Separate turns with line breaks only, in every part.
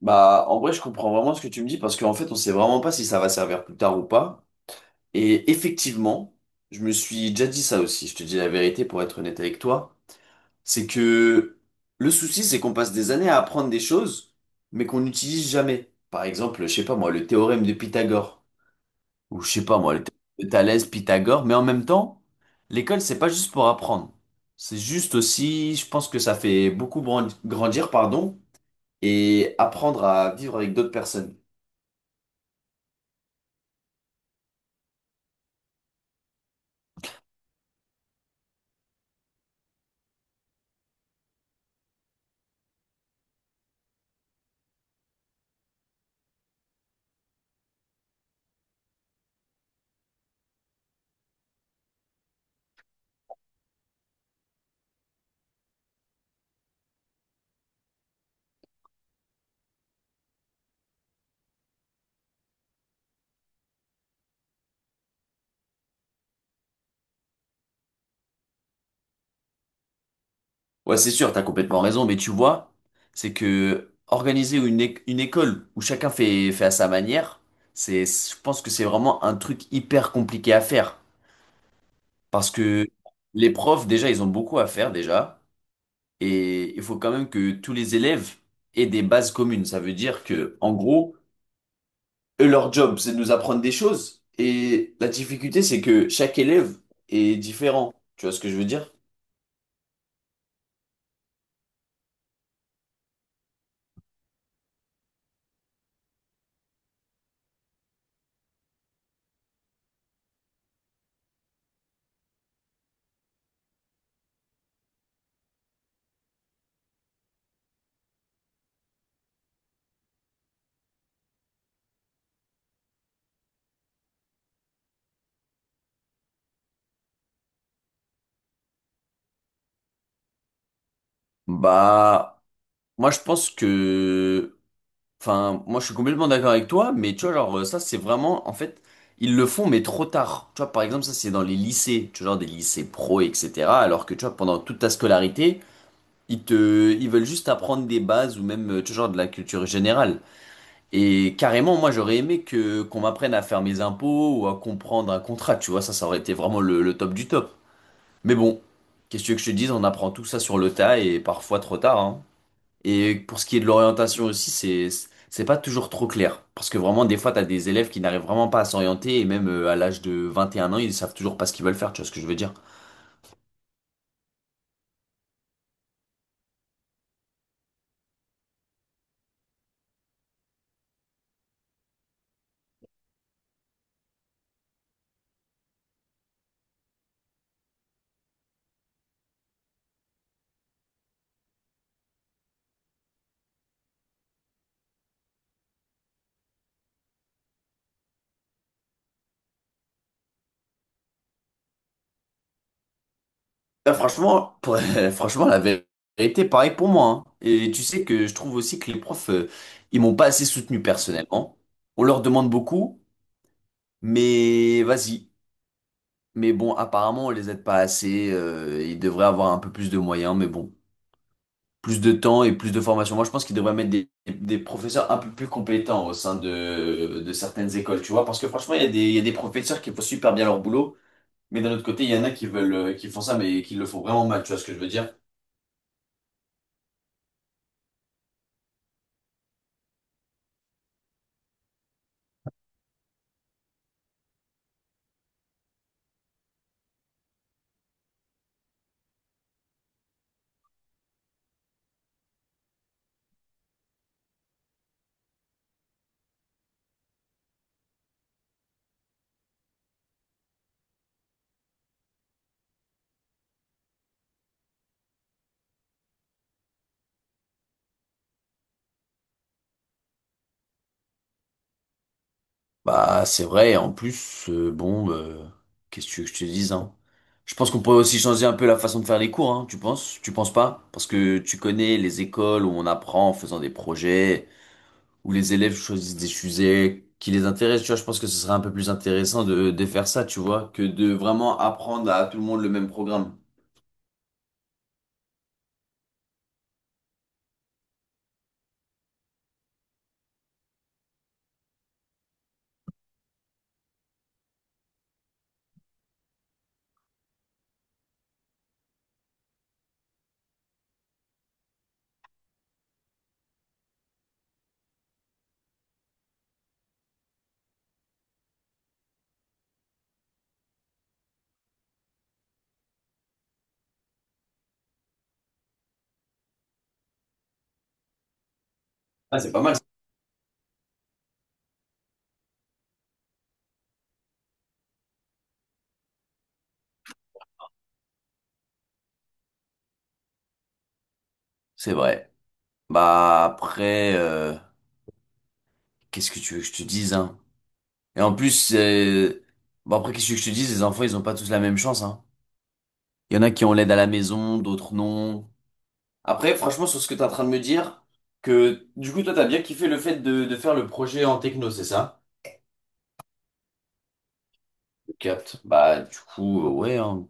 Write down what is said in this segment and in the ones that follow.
Bah, en vrai, je comprends vraiment ce que tu me dis parce qu'en fait, on sait vraiment pas si ça va servir plus tard ou pas. Et effectivement, je me suis déjà dit ça aussi. Je te dis la vérité pour être honnête avec toi. C'est que le souci, c'est qu'on passe des années à apprendre des choses, mais qu'on n'utilise jamais. Par exemple, je sais pas moi, le théorème de Pythagore. Ou je sais pas moi, le théorème de Thalès, Pythagore. Mais en même temps, l'école, c'est pas juste pour apprendre. C'est juste aussi, je pense que ça fait beaucoup grandir, pardon, et apprendre à vivre avec d'autres personnes. Ouais, c'est sûr, t'as complètement raison, mais tu vois, c'est que organiser une, une école où chacun fait, fait à sa manière, c'est, je pense que c'est vraiment un truc hyper compliqué à faire. Parce que les profs, déjà, ils ont beaucoup à faire, déjà. Et il faut quand même que tous les élèves aient des bases communes. Ça veut dire que, en gros, eux, leur job, c'est de nous apprendre des choses. Et la difficulté, c'est que chaque élève est différent. Tu vois ce que je veux dire? Bah, moi, je pense que enfin, moi je suis complètement d'accord avec toi, mais tu vois, genre, ça c'est vraiment, en fait, ils le font, mais trop tard. Tu vois, par exemple, ça c'est dans les lycées, tu vois, genre des lycées pro, etc. Alors que tu vois, pendant toute ta scolarité, ils veulent juste apprendre des bases ou même, tu vois, genre de la culture générale. Et carrément, moi j'aurais aimé que, qu'on m'apprenne à faire mes impôts ou à comprendre un contrat, tu vois, ça aurait été vraiment le top du top. Mais bon, qu'est-ce que tu veux que je te dise, on apprend tout ça sur le tas et parfois trop tard, hein. Et pour ce qui est de l'orientation aussi, c'est pas toujours trop clair. Parce que vraiment, des fois, t'as des élèves qui n'arrivent vraiment pas à s'orienter, et même à l'âge de 21 ans, ils savent toujours pas ce qu'ils veulent faire, tu vois ce que je veux dire. Là, franchement, franchement, la vérité, pareil pour moi, hein. Et tu sais que je trouve aussi que les profs, ils m'ont pas assez soutenu personnellement. On leur demande beaucoup, mais vas-y. Mais bon, apparemment, on les aide pas assez, ils devraient avoir un peu plus de moyens, mais bon, plus de temps et plus de formation. Moi, je pense qu'ils devraient mettre des professeurs un peu plus compétents au sein de certaines écoles, tu vois. Parce que franchement, il y a des professeurs qui font super bien leur boulot, mais d'un autre côté, il y en a qui veulent, qui font ça, mais qui le font vraiment mal, tu vois ce que je veux dire? Bah, c'est vrai. Et en plus, bon, qu'est-ce que tu veux que je te dise, hein? Je pense qu'on pourrait aussi changer un peu la façon de faire les cours, hein, tu penses? Tu penses pas? Parce que tu connais les écoles où on apprend en faisant des projets, où les élèves choisissent des sujets qui les intéressent, tu vois, je pense que ce serait un peu plus intéressant de faire ça, tu vois, que de vraiment apprendre à tout le monde le même programme. Ah, c'est pas mal. C'est vrai. Bah après, qu'est-ce que tu veux que je te dise, hein? Et en plus, bah après, qu'est-ce que je te dise, les enfants, ils ont pas tous la même chance, hein. Il y en a qui ont l'aide à la maison, d'autres non. Après, franchement, sur ce que tu es en train de me dire, que du coup, toi, t'as bien kiffé le fait de faire le projet en techno, c'est ça? Je capte. Bah du coup, ouais, hein.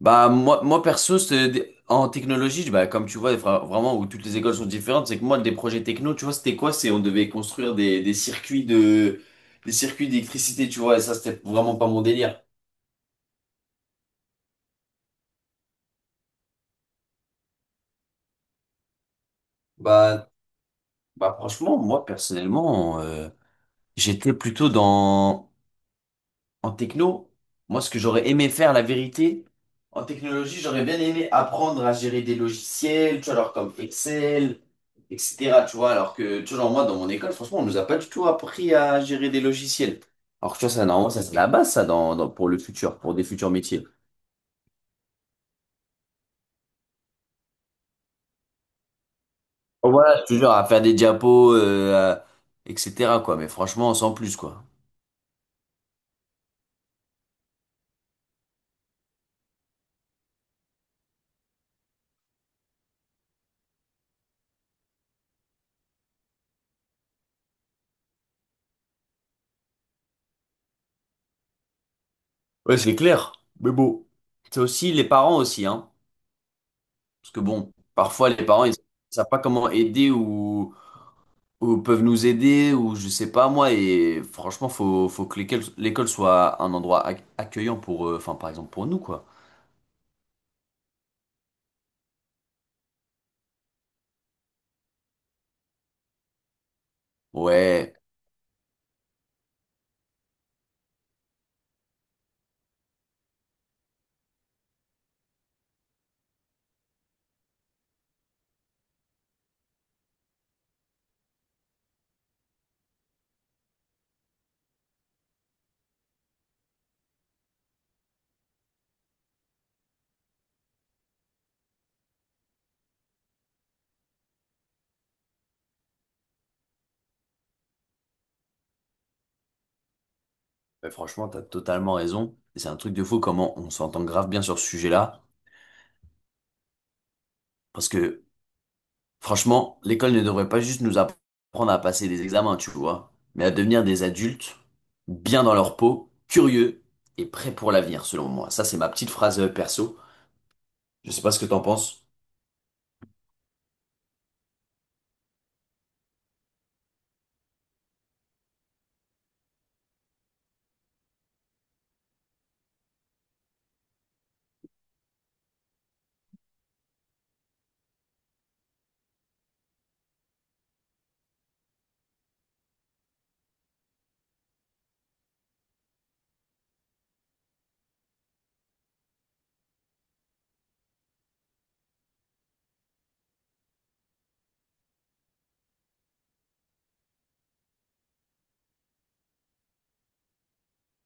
Bah moi, moi perso, en technologie, bah, comme tu vois, vraiment où toutes les écoles sont différentes, c'est que moi des projets techno, tu vois, c'était quoi? C'est on devait construire des circuits de des circuits d'électricité, tu vois, et ça c'était vraiment pas mon délire. Bah bah franchement, moi personnellement, j'étais plutôt dans en techno, moi, ce que j'aurais aimé faire, la vérité, en technologie, j'aurais bien aimé apprendre à gérer des logiciels, tu vois, alors comme Excel, etc., tu vois, alors que, tu vois, genre, moi, dans mon école, franchement, on nous a pas du tout appris à gérer des logiciels. Alors que, tu vois, ça, normalement, ça, c'est la base, ça, pour le futur, pour des futurs métiers. Bon, voilà, je te jure, à faire des diapos, etc., quoi, mais franchement, sans plus, quoi. Ouais, c'est clair, mais bon. C'est aussi les parents aussi, hein, parce que bon, parfois, les parents, ils savent pas comment aider ou peuvent nous aider, ou je sais pas moi, et franchement, faut que l'école soit un endroit accueillant pour, enfin, par exemple, pour nous, quoi. Ouais, mais franchement, t'as totalement raison. Et c'est un truc de fou comment on s'entend grave bien sur ce sujet-là, parce que franchement, l'école ne devrait pas juste nous apprendre à passer des examens, tu vois, mais à devenir des adultes, bien dans leur peau, curieux et prêts pour l'avenir, selon moi. Ça, c'est ma petite phrase perso. Je sais pas ce que t'en penses.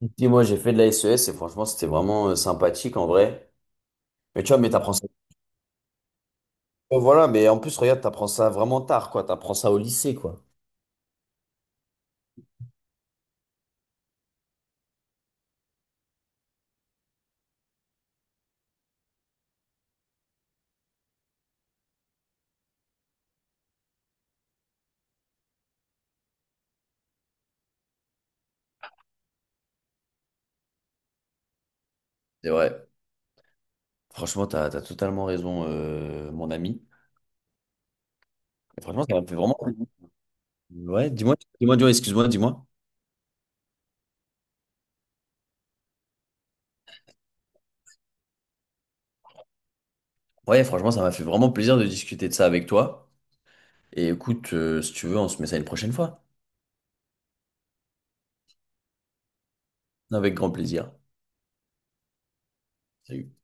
Dis, moi, j'ai fait de la SES et franchement, c'était vraiment sympathique en vrai. Mais tu vois, mais t'apprends ça. Oh, voilà, mais en plus, regarde, t'apprends ça vraiment tard, quoi. T'apprends ça au lycée, quoi. C'est vrai. Franchement, t'as totalement raison, mon ami. Et franchement, ça m'a fait vraiment plaisir. Ouais, dis-moi, excuse-moi, dis-moi. Ouais, franchement, ça m'a fait vraiment plaisir de discuter de ça avec toi. Et écoute, si tu veux, on se met ça une prochaine fois. Avec grand plaisir. Salut.